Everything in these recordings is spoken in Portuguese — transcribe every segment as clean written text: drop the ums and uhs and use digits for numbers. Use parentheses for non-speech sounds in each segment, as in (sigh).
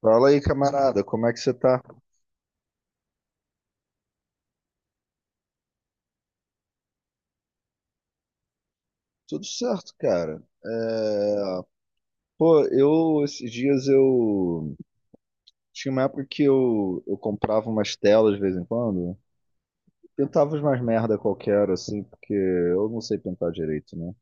Fala aí, camarada, como é que você tá? Tudo certo, cara. Pô, eu esses dias eu tinha uma época que eu comprava umas telas de vez em quando, pintava umas merda qualquer assim, porque eu não sei pintar direito, né?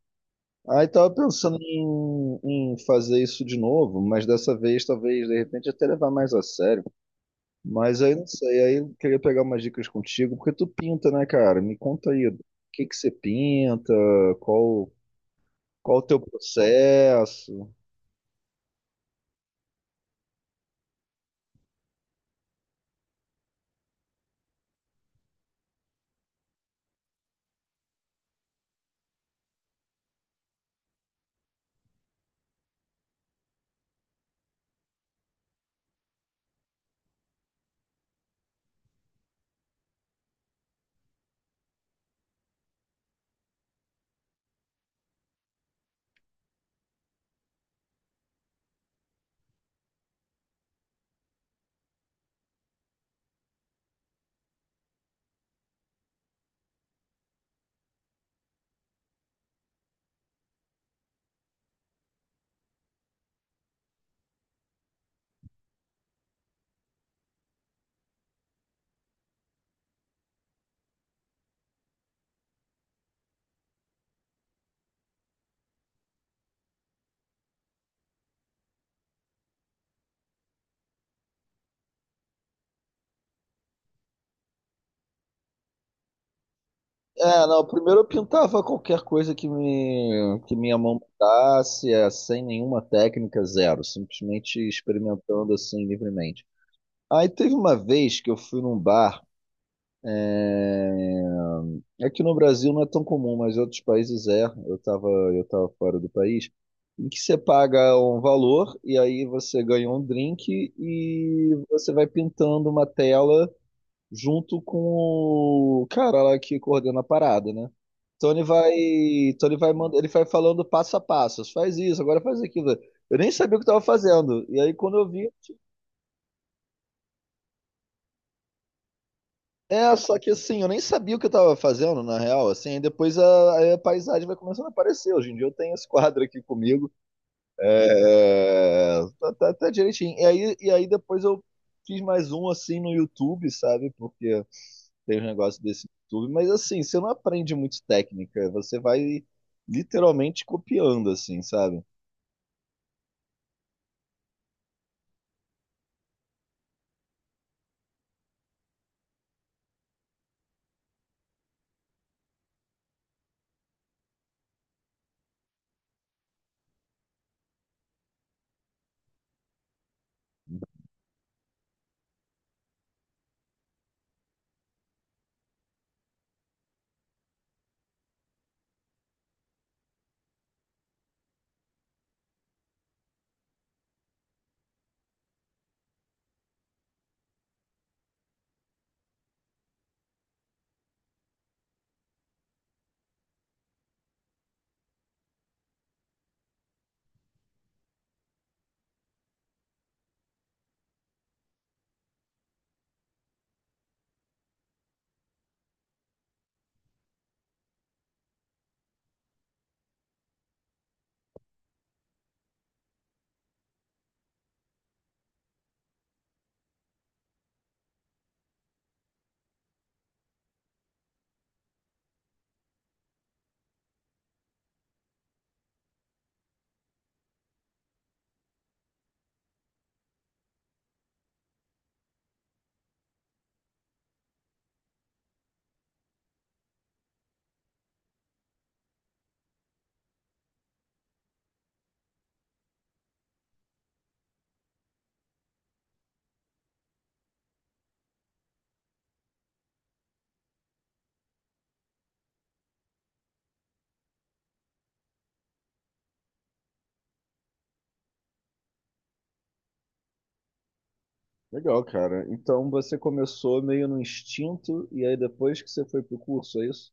Aí tava pensando em fazer isso de novo, mas dessa vez talvez de repente até levar mais a sério. Mas aí não sei, aí eu queria pegar umas dicas contigo, porque tu pinta, né, cara? Me conta aí, o que que você pinta? Qual Qual o teu processo? É, não, primeiro eu pintava qualquer coisa que me que minha mão mandasse, é, sem nenhuma técnica, zero, simplesmente experimentando assim livremente. Aí teve uma vez que eu fui num bar, aqui no Brasil não é tão comum, mas em outros países é. Eu tava fora do país, em que você paga um valor e aí você ganha um drink e você vai pintando uma tela junto com o cara lá que coordena a parada, né? Tony vai, Tony ele vai falando passo a passo, faz isso, agora faz aquilo. Eu nem sabia o que eu tava fazendo. E aí quando eu vi, é, só que assim, eu nem sabia o que eu tava fazendo, na real, assim, aí depois aí a paisagem vai começando a aparecer. Hoje em dia eu tenho esse quadro aqui comigo. É, tá direitinho. E aí depois eu fiz mais um assim no YouTube, sabe? Porque tem um negócio desse no YouTube, mas assim, você não aprende muito técnica, você vai literalmente copiando, assim, sabe? Legal, cara. Então você começou meio no instinto e aí depois que você foi pro curso, é isso?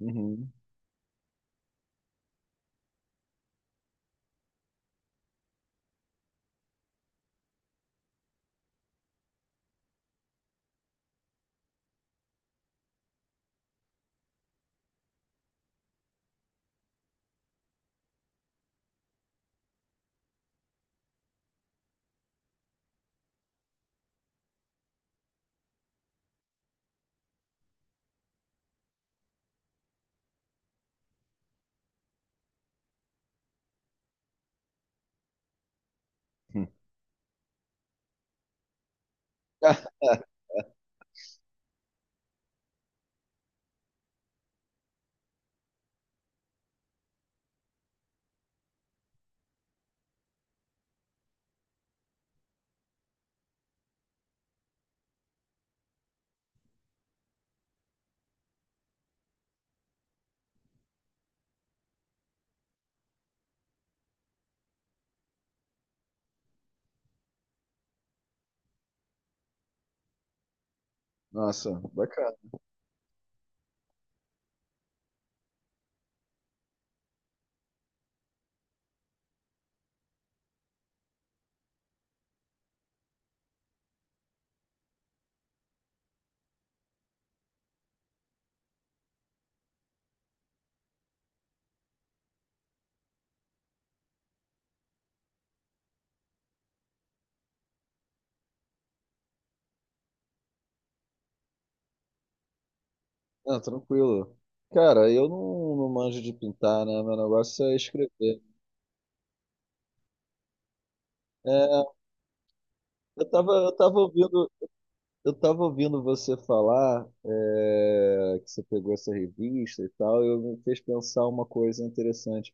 Uhum. (laughs) Nossa, bacana. Não, tranquilo. Cara, eu não, não manjo de pintar, né? Meu negócio é escrever. É, eu tava, eu tava ouvindo Eu estava ouvindo você falar é, que você pegou essa revista e tal, e eu me fez pensar uma coisa interessante.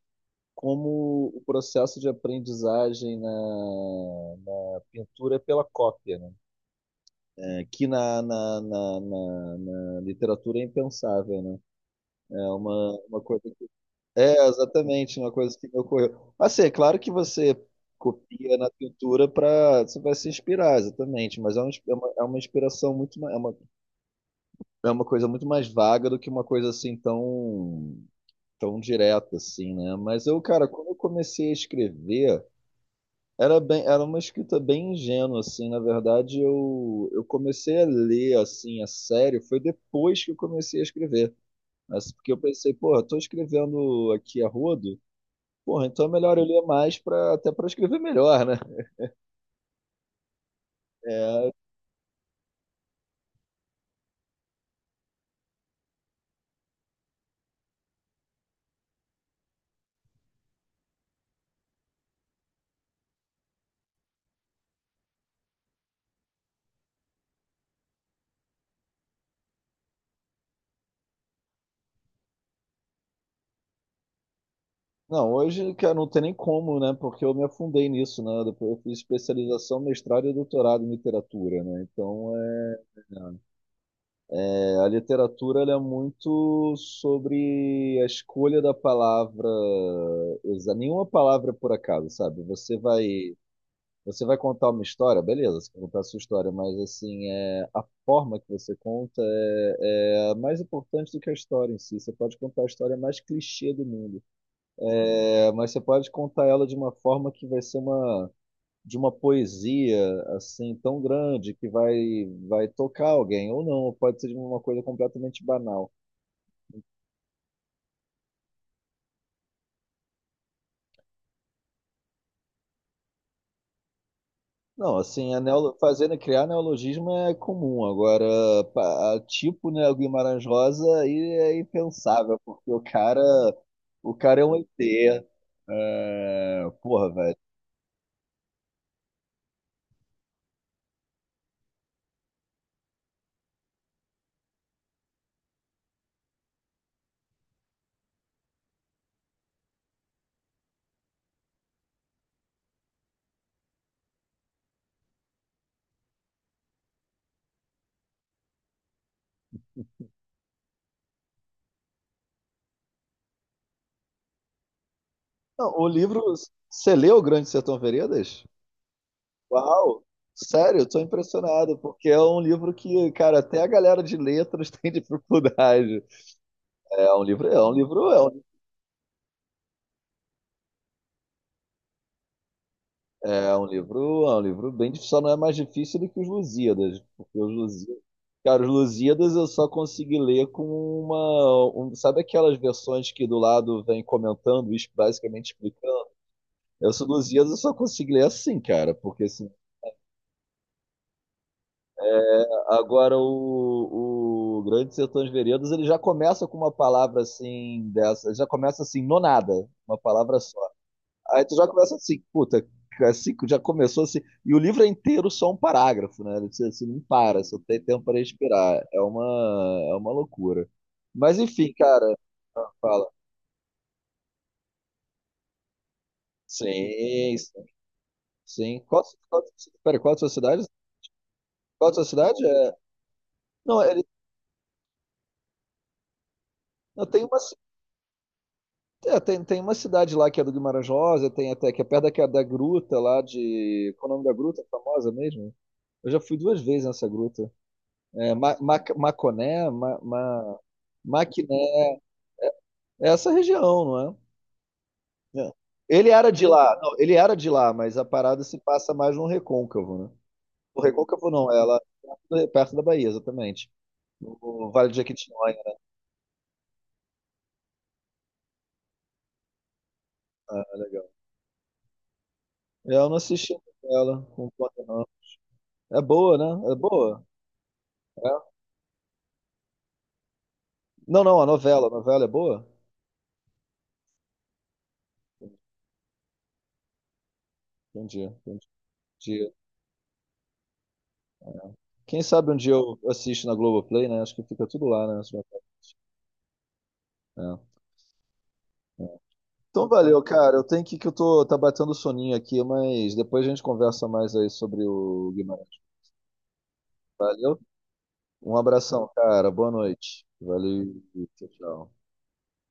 Como o processo de aprendizagem na pintura é pela cópia, né? É, que na literatura é impensável, né? É uma coisa que... É, exatamente, uma coisa que me ocorreu. Assim, é claro que você copia na pintura para... Você vai se inspirar, exatamente, mas é é uma inspiração muito... é uma coisa muito mais vaga do que uma coisa assim tão direta assim, né? Mas eu, cara, quando eu comecei a escrever, era uma escrita bem ingênua assim, na verdade, eu comecei a ler assim a sério foi depois que eu comecei a escrever. Mas porque eu pensei, porra, tô escrevendo aqui a rodo, porra, então é melhor eu ler mais para até para escrever melhor, né? É, Não, hoje, cara, não tem nem como, né? Porque eu me afundei nisso, né? Depois eu fiz especialização, mestrado e doutorado em literatura, né? Então, é, a literatura ela é muito sobre a escolha da palavra, nenhuma palavra é por acaso, sabe? Você vai contar uma história, beleza, você vai contar a sua história, mas assim, é, a forma que você conta é a mais importante do que a história em si. Você pode contar a história mais clichê do mundo. É, mas você pode contar ela de uma forma que vai ser uma de uma poesia assim tão grande que vai tocar alguém ou não, pode ser de uma coisa completamente banal. Não, assim, fazendo criar neologismo é comum. Agora, pa- a tipo, né, o Guimarães Rosa aí é impensável, porque o cara é um ET. É, porra, velho. Não, o livro, você leu O Grande Sertão Veredas? Uau! Sério, eu tô impressionado, porque é um livro que, cara, até a galera de letras (laughs) tem dificuldade. É um livro, é um livro, é um, é um livro bem difícil, só não é mais difícil do que os Lusíadas, porque os Lusíadas eu só consegui ler com sabe aquelas versões que do lado vem comentando, isso basicamente explicando. Eu sou Lusíadas, eu só consegui ler assim, cara, porque Agora, o Grande Sertão de Veredas, ele já começa com uma palavra assim, dessa, já começa assim, no nada, uma palavra só. Aí tu já começa assim, puta, é assim, já começou assim, e o livro é inteiro só um parágrafo, né? Você não para, só tem tempo para respirar. É uma loucura. Mas enfim, cara, fala. Sim, sim. Sim. Qual, pera, qual a sua cidade? Qual a sua cidade? Não, ele, não, tem uma É, tem, tem uma cidade lá que é do Guimarães Rosa, tem até que é perto da gruta lá de. Qual é o nome da gruta? Famosa mesmo? Eu já fui duas vezes nessa gruta. É, Ma, Ma, Maconé, Ma, Ma, Maquiné. É essa região, não é? É. Ele era de lá, mas a parada se passa mais no Recôncavo, né? O Recôncavo não, ela é perto da Bahia, exatamente. No Vale de Jequitinhonha, ah, legal. Eu não assisti ela, com conta não. É boa, né? É boa. Não, não, a novela. A novela é boa? Entendi, entendi. Entendi. Quem sabe um dia eu assisto na Globoplay, né? Acho que fica tudo lá, né? É. Então valeu, cara. Eu tenho que eu tô tá batendo soninho aqui, mas depois a gente conversa mais aí sobre o Guimarães. Um abração, cara. Boa noite. Valeu. Tchau, tchau.